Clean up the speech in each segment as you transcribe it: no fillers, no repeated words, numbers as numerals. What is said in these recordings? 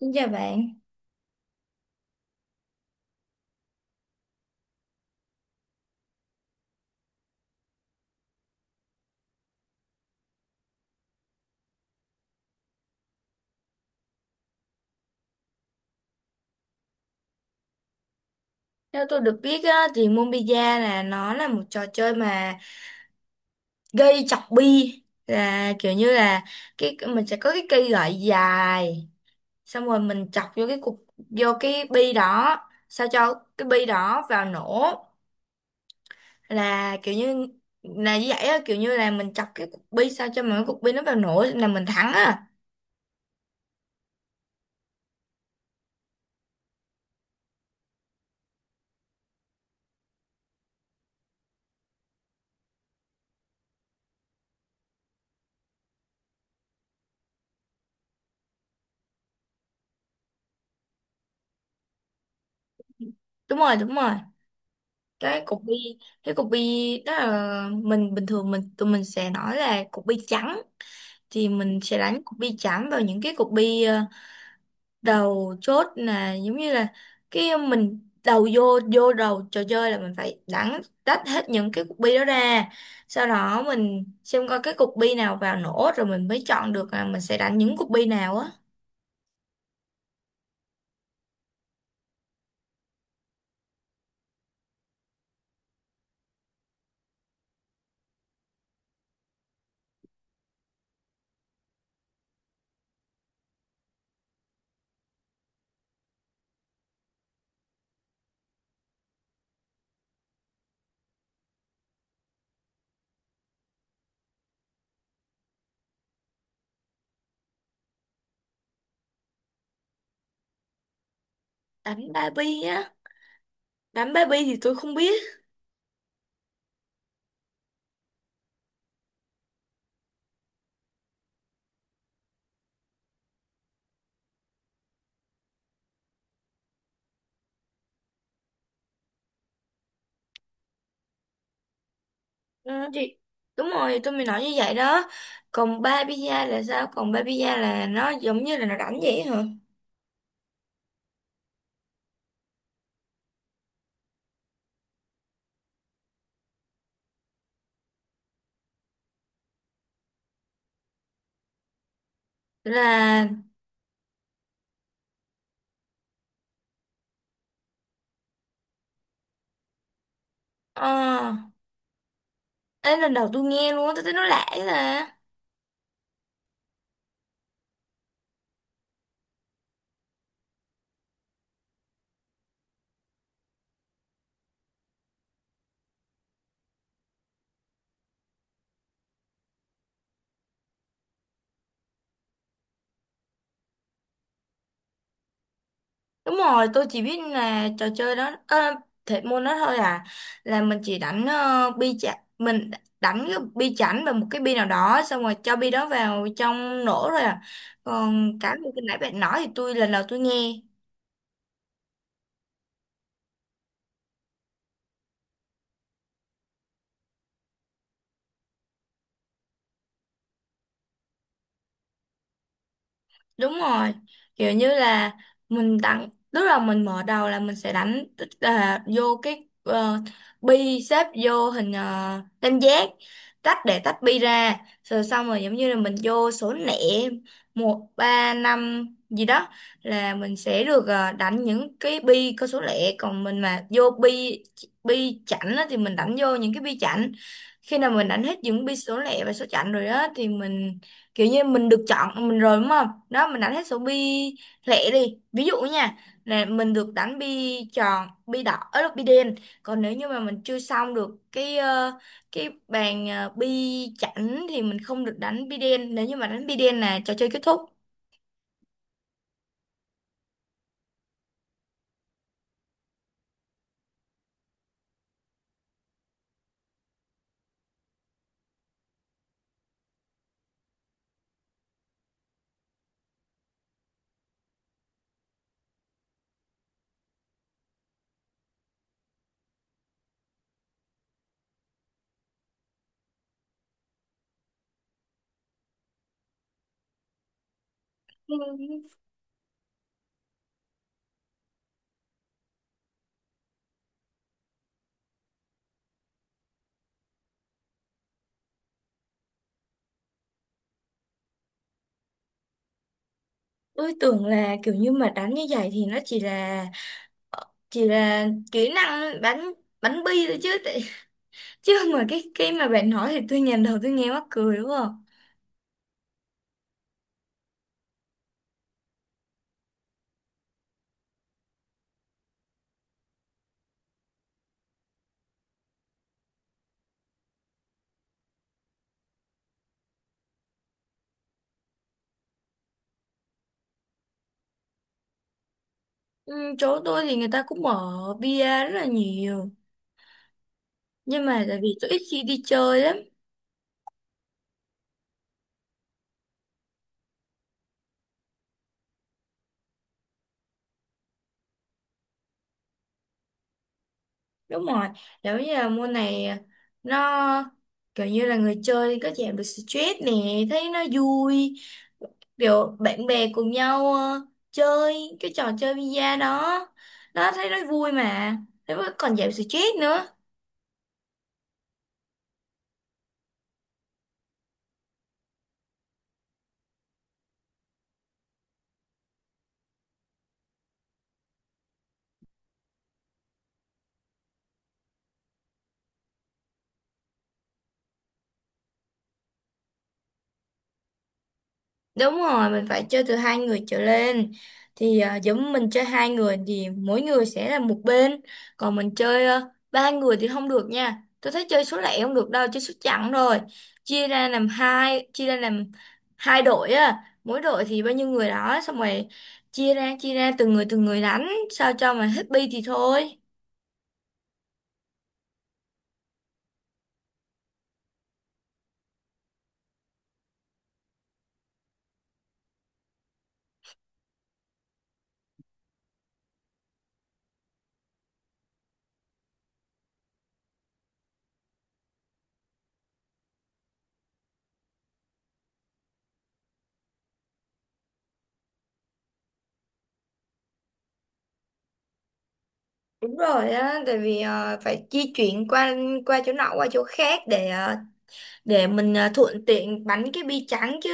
Xin chào bạn. Theo tôi được biết á, thì Mobiza là nó là một trò chơi mà gây chọc bi, là kiểu như là cái mình sẽ có cái cây gậy dài, xong rồi mình chọc vô cái cục, vô cái bi đó sao cho cái bi đó vào nổ. Là kiểu như là như vậy á, kiểu như là mình chọc cái cục bi sao cho mà cái cục bi nó vào nổ là mình thắng á. Đúng rồi, đúng rồi, cái cục bi, cái cục bi đó là mình bình thường tụi mình sẽ nói là cục bi trắng, thì mình sẽ đánh cục bi trắng vào những cái cục bi đầu chốt. Là giống như là cái mình đầu vô vô đầu trò chơi là mình phải đánh tách hết những cái cục bi đó ra, sau đó mình xem coi cái cục bi nào vào nổ rồi mình mới chọn được là mình sẽ đánh những cục bi nào á. Đánh ba bi á? Đánh ba bi thì tôi không biết. Ừ, thì đúng rồi, tôi mới nói như vậy đó. Còn ba pizza là sao? Còn ba pizza là nó giống như là nó đánh vậy hả? Là ờ, ấy, lần đầu tôi nghe luôn á, tôi thấy nó lạ vậy. Là đúng rồi, tôi chỉ biết là trò chơi đó thể môn đó thôi à. Là mình chỉ đánh bi chả mình, đánh cái bi chảnh và một cái bi nào đó, xong rồi cho bi đó vào trong nổ rồi à. Còn cái mà cái nãy bạn nói thì tôi lần đầu tôi nghe. Đúng rồi, kiểu như là mình tặng, tức là mình mở đầu là mình sẽ đánh, tức là vô cái bi xếp vô hình tam giác, tách để tách bi ra, rồi xong rồi giống như là mình vô số lẻ một ba năm gì đó, là mình sẽ được đánh những cái bi có số lẻ, còn mình mà vô bi bi chẵn á thì mình đánh vô những cái bi chẵn. Khi nào mình đánh hết những bi số lẻ và số chẵn rồi á thì mình kiểu như mình được chọn mình rồi, đúng không? Đó, mình đánh hết số bi lẻ đi ví dụ nha, là mình được đánh bi tròn, bi đỏ ấy, là bi đen. Còn nếu như mà mình chưa xong được cái cái bàn bi chẵn thì mình không được đánh bi đen, nếu như mà đánh bi đen là trò chơi kết thúc. Ừ, tôi tưởng là kiểu như mà đánh như vậy thì nó chỉ là kỹ năng bắn bắn bi thôi chứ chứ mà cái mà bạn nói thì tôi nhìn đầu tôi nghe mắc cười quá. Ừ, chỗ tôi thì người ta cũng mở bia rất là nhiều, nhưng mà tại vì tôi ít khi đi chơi lắm. Đúng rồi, giống như là môn này nó kiểu như là người chơi có giảm được stress nè, thấy nó vui, kiểu bạn bè cùng nhau chơi cái trò chơi bia đó đó, thấy nó vui mà, thế mà còn giảm stress nữa. Đúng rồi, mình phải chơi từ hai người trở lên. Thì à, giống mình chơi hai người thì mỗi người sẽ là một bên. Còn mình chơi ba người thì không được nha. Tôi thấy chơi số lẻ không được đâu, chơi số chẵn rồi. Chia ra làm hai, chia ra làm hai đội á. Mỗi đội thì bao nhiêu người đó, xong rồi chia ra từng người đánh, sao cho mà hết bi thì thôi. Đúng rồi á, tại vì ờ, phải di chuyển qua qua chỗ nọ qua chỗ khác, để để mình thuận tiện bắn cái bi trắng chứ.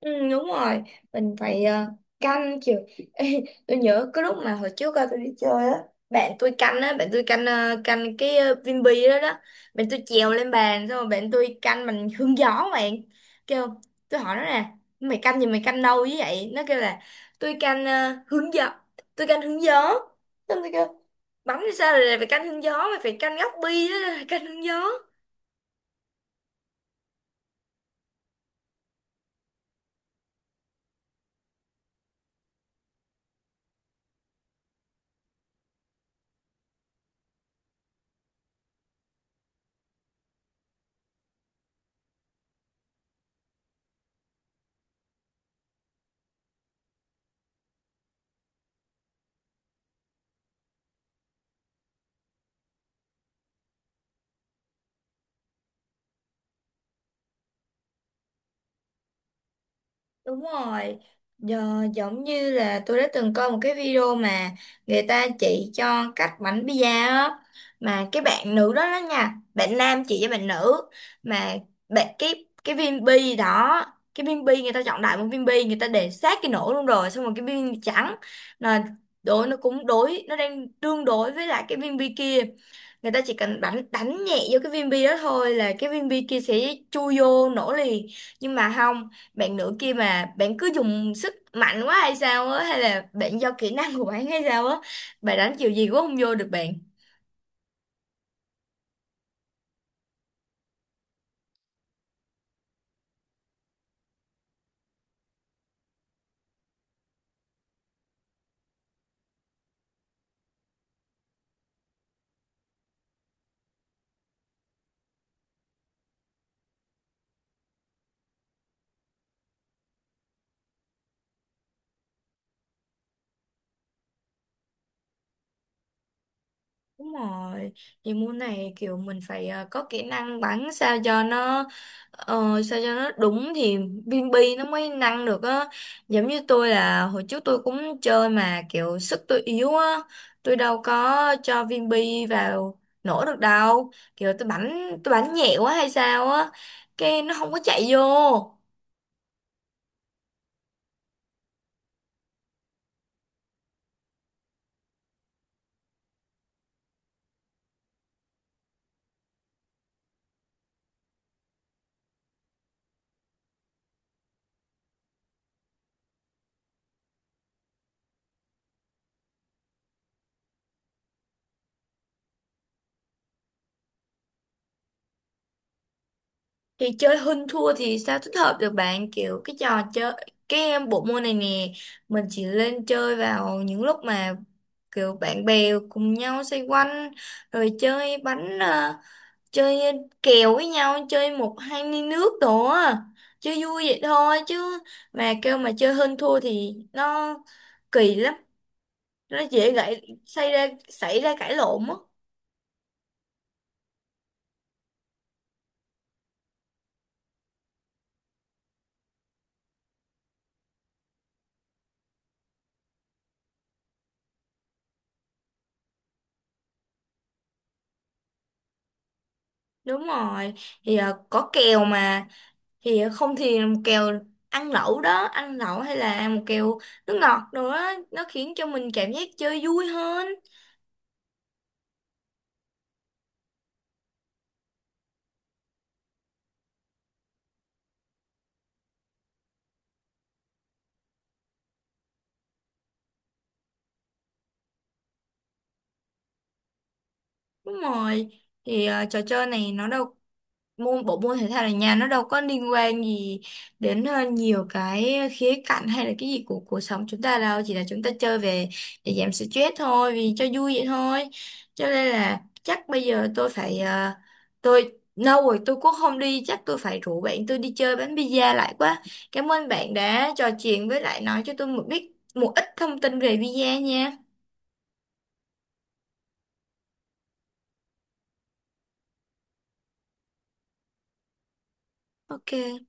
Ừ, đúng rồi, mình phải canh chiều. Ê, tôi nhớ cái lúc mà hồi trước tôi đi chơi á, bạn tôi canh á, bạn tôi canh canh cái Vinpearl đó đó. Bạn tôi trèo lên bàn, xong rồi bạn tôi canh bằng hương gió, bạn kêu, tôi hỏi nó nè, mày canh gì, mày canh đâu với vậy? Nó kêu là tôi canh hướng gió, tôi canh hướng gió. Xong tôi kêu, bắn thì sao rồi lại phải canh hướng gió, mày phải canh góc bi đó. Canh hướng gió. Đúng rồi, giờ, giống như là tôi đã từng coi một cái video mà người ta chỉ cho cách bánh pizza á, mà cái bạn nữ đó đó nha, bạn nam chỉ với bạn nữ mà bạn, cái viên bi đó, cái viên bi người ta chọn đại một viên bi, người ta để sát cái nổ luôn, rồi xong rồi cái viên trắng là đối nó cũng đối, nó đang tương đối với lại cái viên bi kia. Người ta chỉ cần đánh đánh nhẹ vô cái viên bi đó thôi là cái viên bi kia sẽ chui vô nổ liền. Nhưng mà không, bạn nữ kia mà bạn cứ dùng sức mạnh quá hay sao á, hay là bạn do kỹ năng của bạn hay sao á, bà đánh kiểu gì cũng không vô được bạn. Đúng rồi, thì môn này kiểu mình phải có kỹ năng bắn sao cho nó sao cho nó đúng thì viên bi nó mới năng được á. Giống như tôi là hồi trước tôi cũng chơi mà kiểu sức tôi yếu á, tôi đâu có cho viên bi vào nổ được đâu, kiểu tôi bắn nhẹ quá hay sao á, cái nó không có chạy vô. Thì chơi hơn thua thì sao tích hợp được bạn, kiểu cái trò chơi cái em bộ môn này nè, mình chỉ lên chơi vào những lúc mà kiểu bạn bè cùng nhau xoay quanh rồi chơi bánh chơi kèo với nhau, chơi một hai ly nước đồ á, chơi vui vậy thôi chứ mà kêu mà chơi hơn thua thì nó kỳ lắm, nó dễ gãy xảy ra cãi lộn á. Đúng rồi, thì ờ, có kèo mà, thì không thì một kèo ăn lẩu đó, ăn lẩu hay là một kèo nước ngọt đồ đó, nó khiến cho mình cảm giác chơi vui hơn. Đúng rồi, thì ờ, trò chơi này nó đâu, môn bộ môn thể thao ở nhà nó đâu có liên quan gì đến nhiều cái khía cạnh hay là cái gì của cuộc sống chúng ta đâu, chỉ là chúng ta chơi về để giảm stress thôi, vì cho vui vậy thôi. Cho nên là chắc bây giờ tôi phải tôi lâu rồi tôi cũng không đi, chắc tôi phải rủ bạn tôi đi chơi bánh pizza lại quá. Cảm ơn bạn đã trò chuyện với lại nói cho tôi một ít thông tin về pizza nha. Ok.